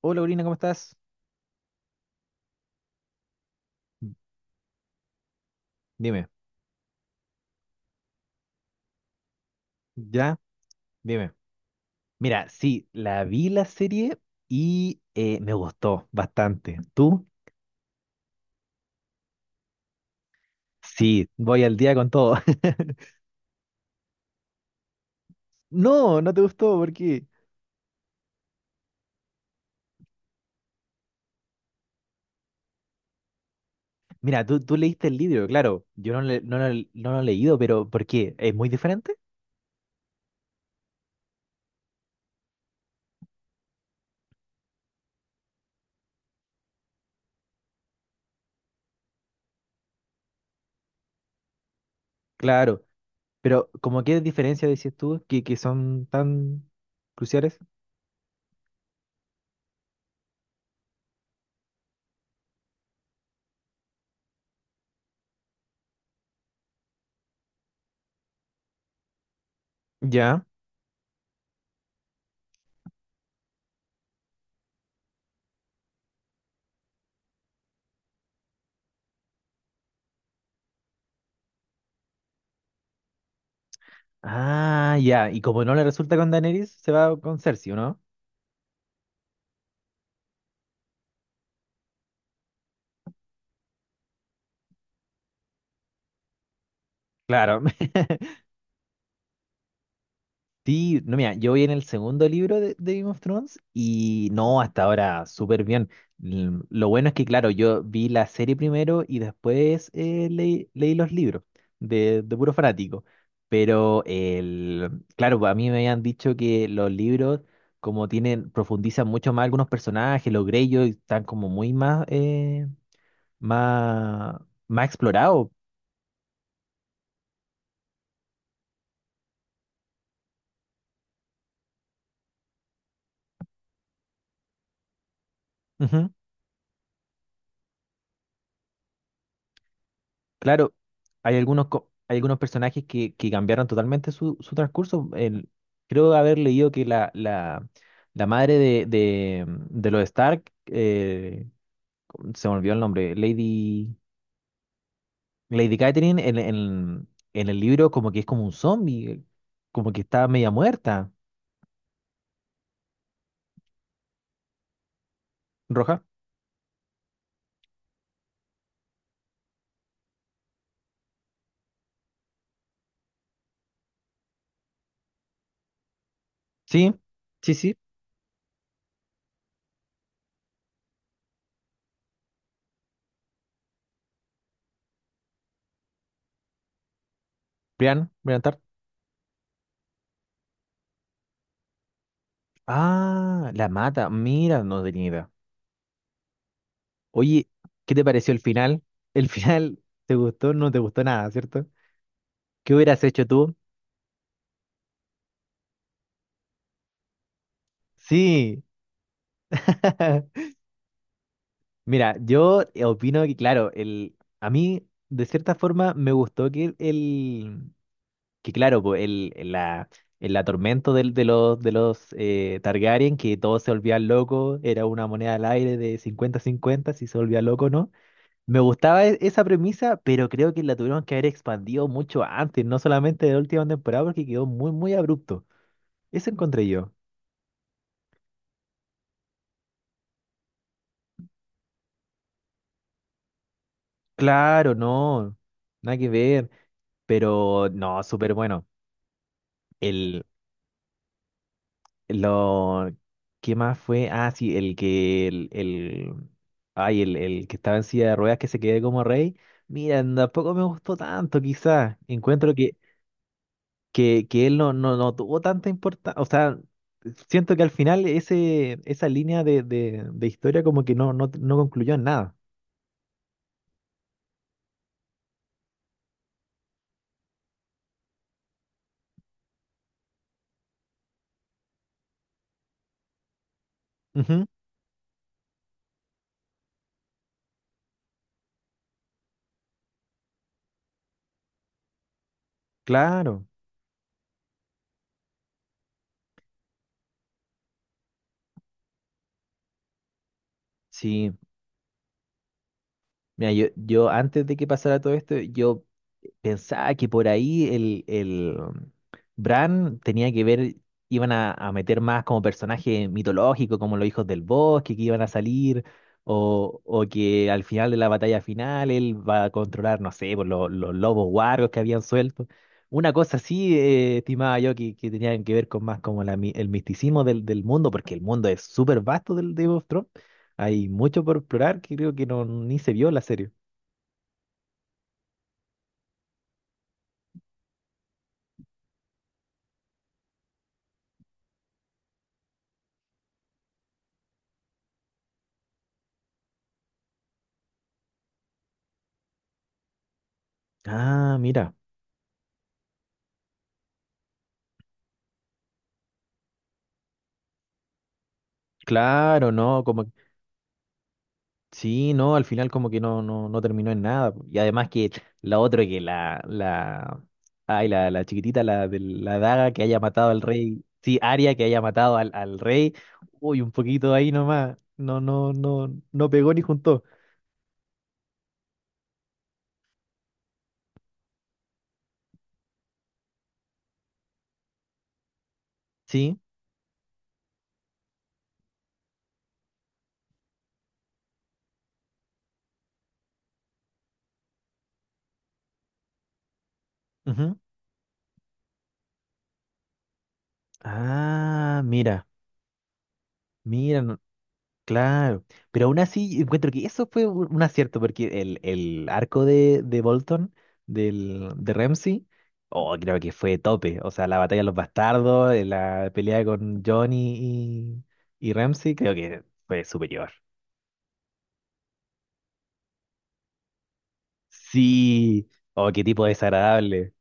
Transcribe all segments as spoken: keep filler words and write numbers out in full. Hola, Corina, ¿cómo estás? Dime, ya, dime. Mira, sí, la vi la serie y eh, me gustó bastante. ¿Tú? Sí, voy al día con todo. No, no te gustó, porque... Mira, tú, tú leíste el libro, claro. Yo no, le- no, lo no lo he leído, pero ¿por qué? ¿Es muy diferente? Claro, pero ¿cómo qué diferencia decís tú que, que son tan cruciales? Ya. Ah, ya. Y como no le resulta con Daenerys, se va con Cersei, ¿o ¿no? Claro. Sí, no, mira, yo voy en el segundo libro de, de Game of Thrones y no, hasta ahora súper bien. L- Lo bueno es que, claro, yo vi la serie primero y después eh, leí, leí los libros de, de puro fanático. Pero, el, claro, pues, a mí me habían dicho que los libros, como tienen, profundizan mucho más algunos personajes, los Greyjoy están como muy más, eh, más, más explorados. Claro, hay algunos, co- hay algunos personajes que, que cambiaron totalmente su, su transcurso. El- creo haber leído que la, la, la madre de, de, de los Stark, eh, se me olvidó el nombre, Lady, Lady Catherine, en, en- en el libro como que es como un zombie, como que está media muerta. ¿Roja? Sí, sí, sí. Brian, Brian Tart. Ah, la mata. Mira, no tenía idea. Oye, ¿qué te pareció el final? El final, ¿te gustó? No te gustó nada, ¿cierto? ¿Qué hubieras hecho tú? Sí. Mira, yo opino que, claro, el, a mí, de cierta forma, me gustó que el, que claro, pues, el, el la, el atormento del, de los, de los eh, Targaryen, que todos se volvían locos, era una moneda al aire de cincuenta-cincuenta si se volvía loco o no. Me gustaba e- esa premisa, pero creo que la tuvieron que haber expandido mucho antes, no solamente de la última temporada, porque quedó muy, muy abrupto. Eso encontré yo. Claro, no, nada que ver. Pero no, súper bueno. El, lo, ¿qué más fue? Ah, sí, el que, el, el, ay, el, el que estaba en silla de ruedas que se quedó como rey. Mira, tampoco me gustó tanto, quizás. Encuentro que, que, que él no, no, no tuvo tanta importancia. O sea, siento que al final ese, esa línea de, de, de historia como que no, no, no concluyó en nada. Ujú, claro, sí. Mira, yo, yo antes de que pasara todo esto, yo pensaba que por ahí el, el um, Bran tenía que ver, iban a, a meter más como personaje mitológico, como los hijos del bosque que iban a salir, o, o que al final de la batalla final él va a controlar, no sé, por los, los lobos guargos que habían suelto. Una cosa así, eh, estimaba yo, que, que tenían que ver con más como la, mi- el misticismo del, del mundo, porque el mundo es súper vasto del Game of Thrones. Hay mucho por explorar que creo que no, ni se vio en la serie. Ah, mira, claro, ¿no? Como sí, no, al final como que no, no, no terminó en nada, po. Y además que la otra que la, la, ay, la, la chiquitita, la de la daga que haya matado al rey, sí, Aria que haya matado al, al rey, uy, un poquito ahí nomás, no, no, no, no pegó ni juntó. Sí, ujú. Ah, mira, mira, no, claro, pero aún así encuentro que eso fue un, un acierto, porque el, el arco de, de Bolton, del, de Ramsay, oh, creo que fue tope. O sea, la batalla de los bastardos, eh, la pelea con Johnny y, y Ramsay, creo que fue superior. Sí, oh, qué tipo desagradable,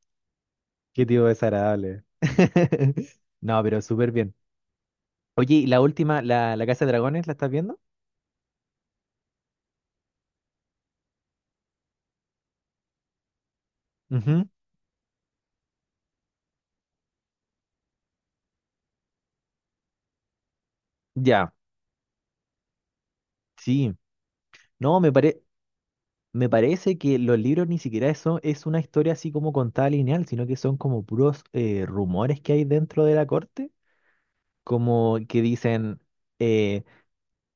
qué tipo desagradable. No, pero súper bien. Oye, ¿y la última, la, la Casa de Dragones, la estás viendo? Ujú, ya, sí. No, me parece. Me parece que los libros ni siquiera eso es una historia así como contada lineal, sino que son como puros eh, rumores que hay dentro de la corte, como que dicen, eh,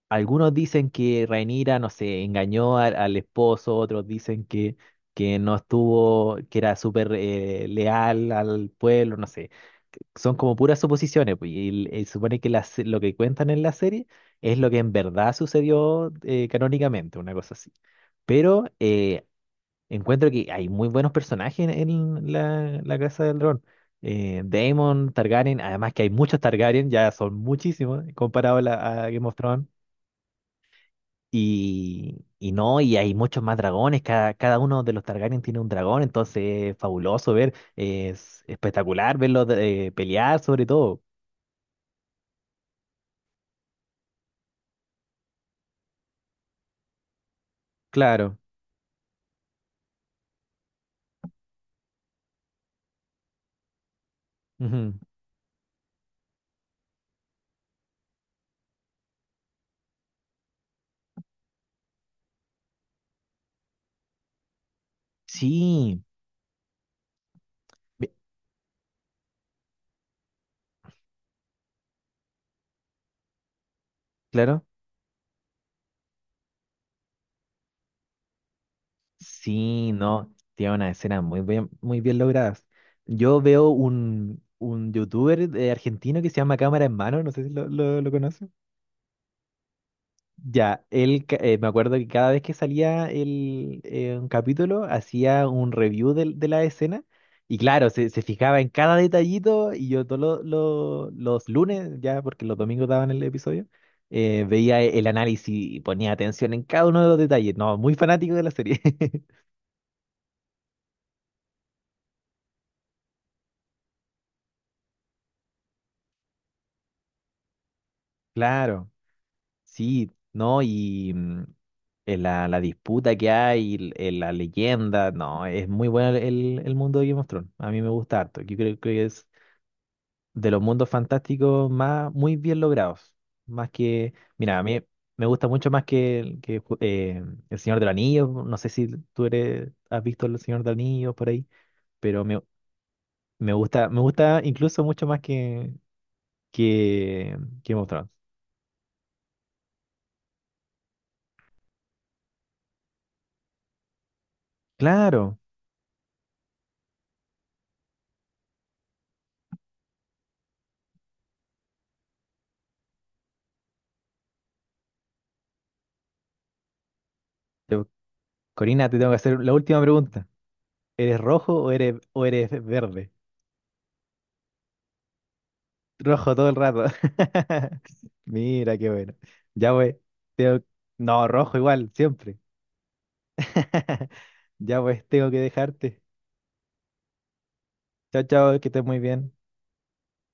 algunos dicen que Rhaenyra, no sé, engañó al, al esposo, otros dicen que, que no estuvo, que era súper eh, leal al pueblo, no sé. Son como puras suposiciones, pues, y, el- el- supone que la se- lo que cuentan en la serie es lo que en verdad sucedió eh, canónicamente, una cosa así. Pero eh, encuentro que hay muy buenos personajes en, en la, la Casa del Dragón. Eh, Daemon, Targaryen, además que hay muchos Targaryen, ya son muchísimos comparado a, la, a Game of Thrones. Y, y no, y hay muchos más dragones, cada, cada uno de los Targaryen tiene un dragón, entonces es fabuloso ver, es espectacular verlos eh, pelear sobre todo. Claro. Ujú. Sí, ve- claro. Sí, no, tiene una escena muy bien, muy bien logradas. Yo veo un, un youtuber de argentino que se llama Cámara en Mano, no sé si lo, lo, lo conoce. Ya, él, ca- eh, me acuerdo que cada vez que salía el, eh, un capítulo, hacía un review del- de, la escena y claro, se, se fijaba en cada detallito y yo todos los lunes, ya porque los domingos daban el episodio, eh, veía el análisis y ponía atención en cada uno de los detalles. No, muy fanático de la serie. Claro. Sí, ¿no? Y mm, eh, la, la disputa que hay, l- eh, la leyenda, no, es muy bueno el, el mundo de Game of Thrones. A mí me gusta harto. Yo creo que es de los mundos fantásticos más, muy bien logrados. Más que, mira, a mí me gusta mucho más que, el- que ju- eh, El Señor del Anillo. No sé si tú eres, has visto El Señor del Anillo por ahí, pero me, me gusta, me gusta incluso mucho más que, que Game of Thrones. Claro. Te- Corina, te tengo que hacer la última pregunta. ¿Eres rojo o eres, o eres verde? Rojo todo el rato. Mira, qué bueno. Ya pues, tengo- no, rojo igual, siempre. Ya pues, tengo que dejarte. Chao, chao, que estés muy bien.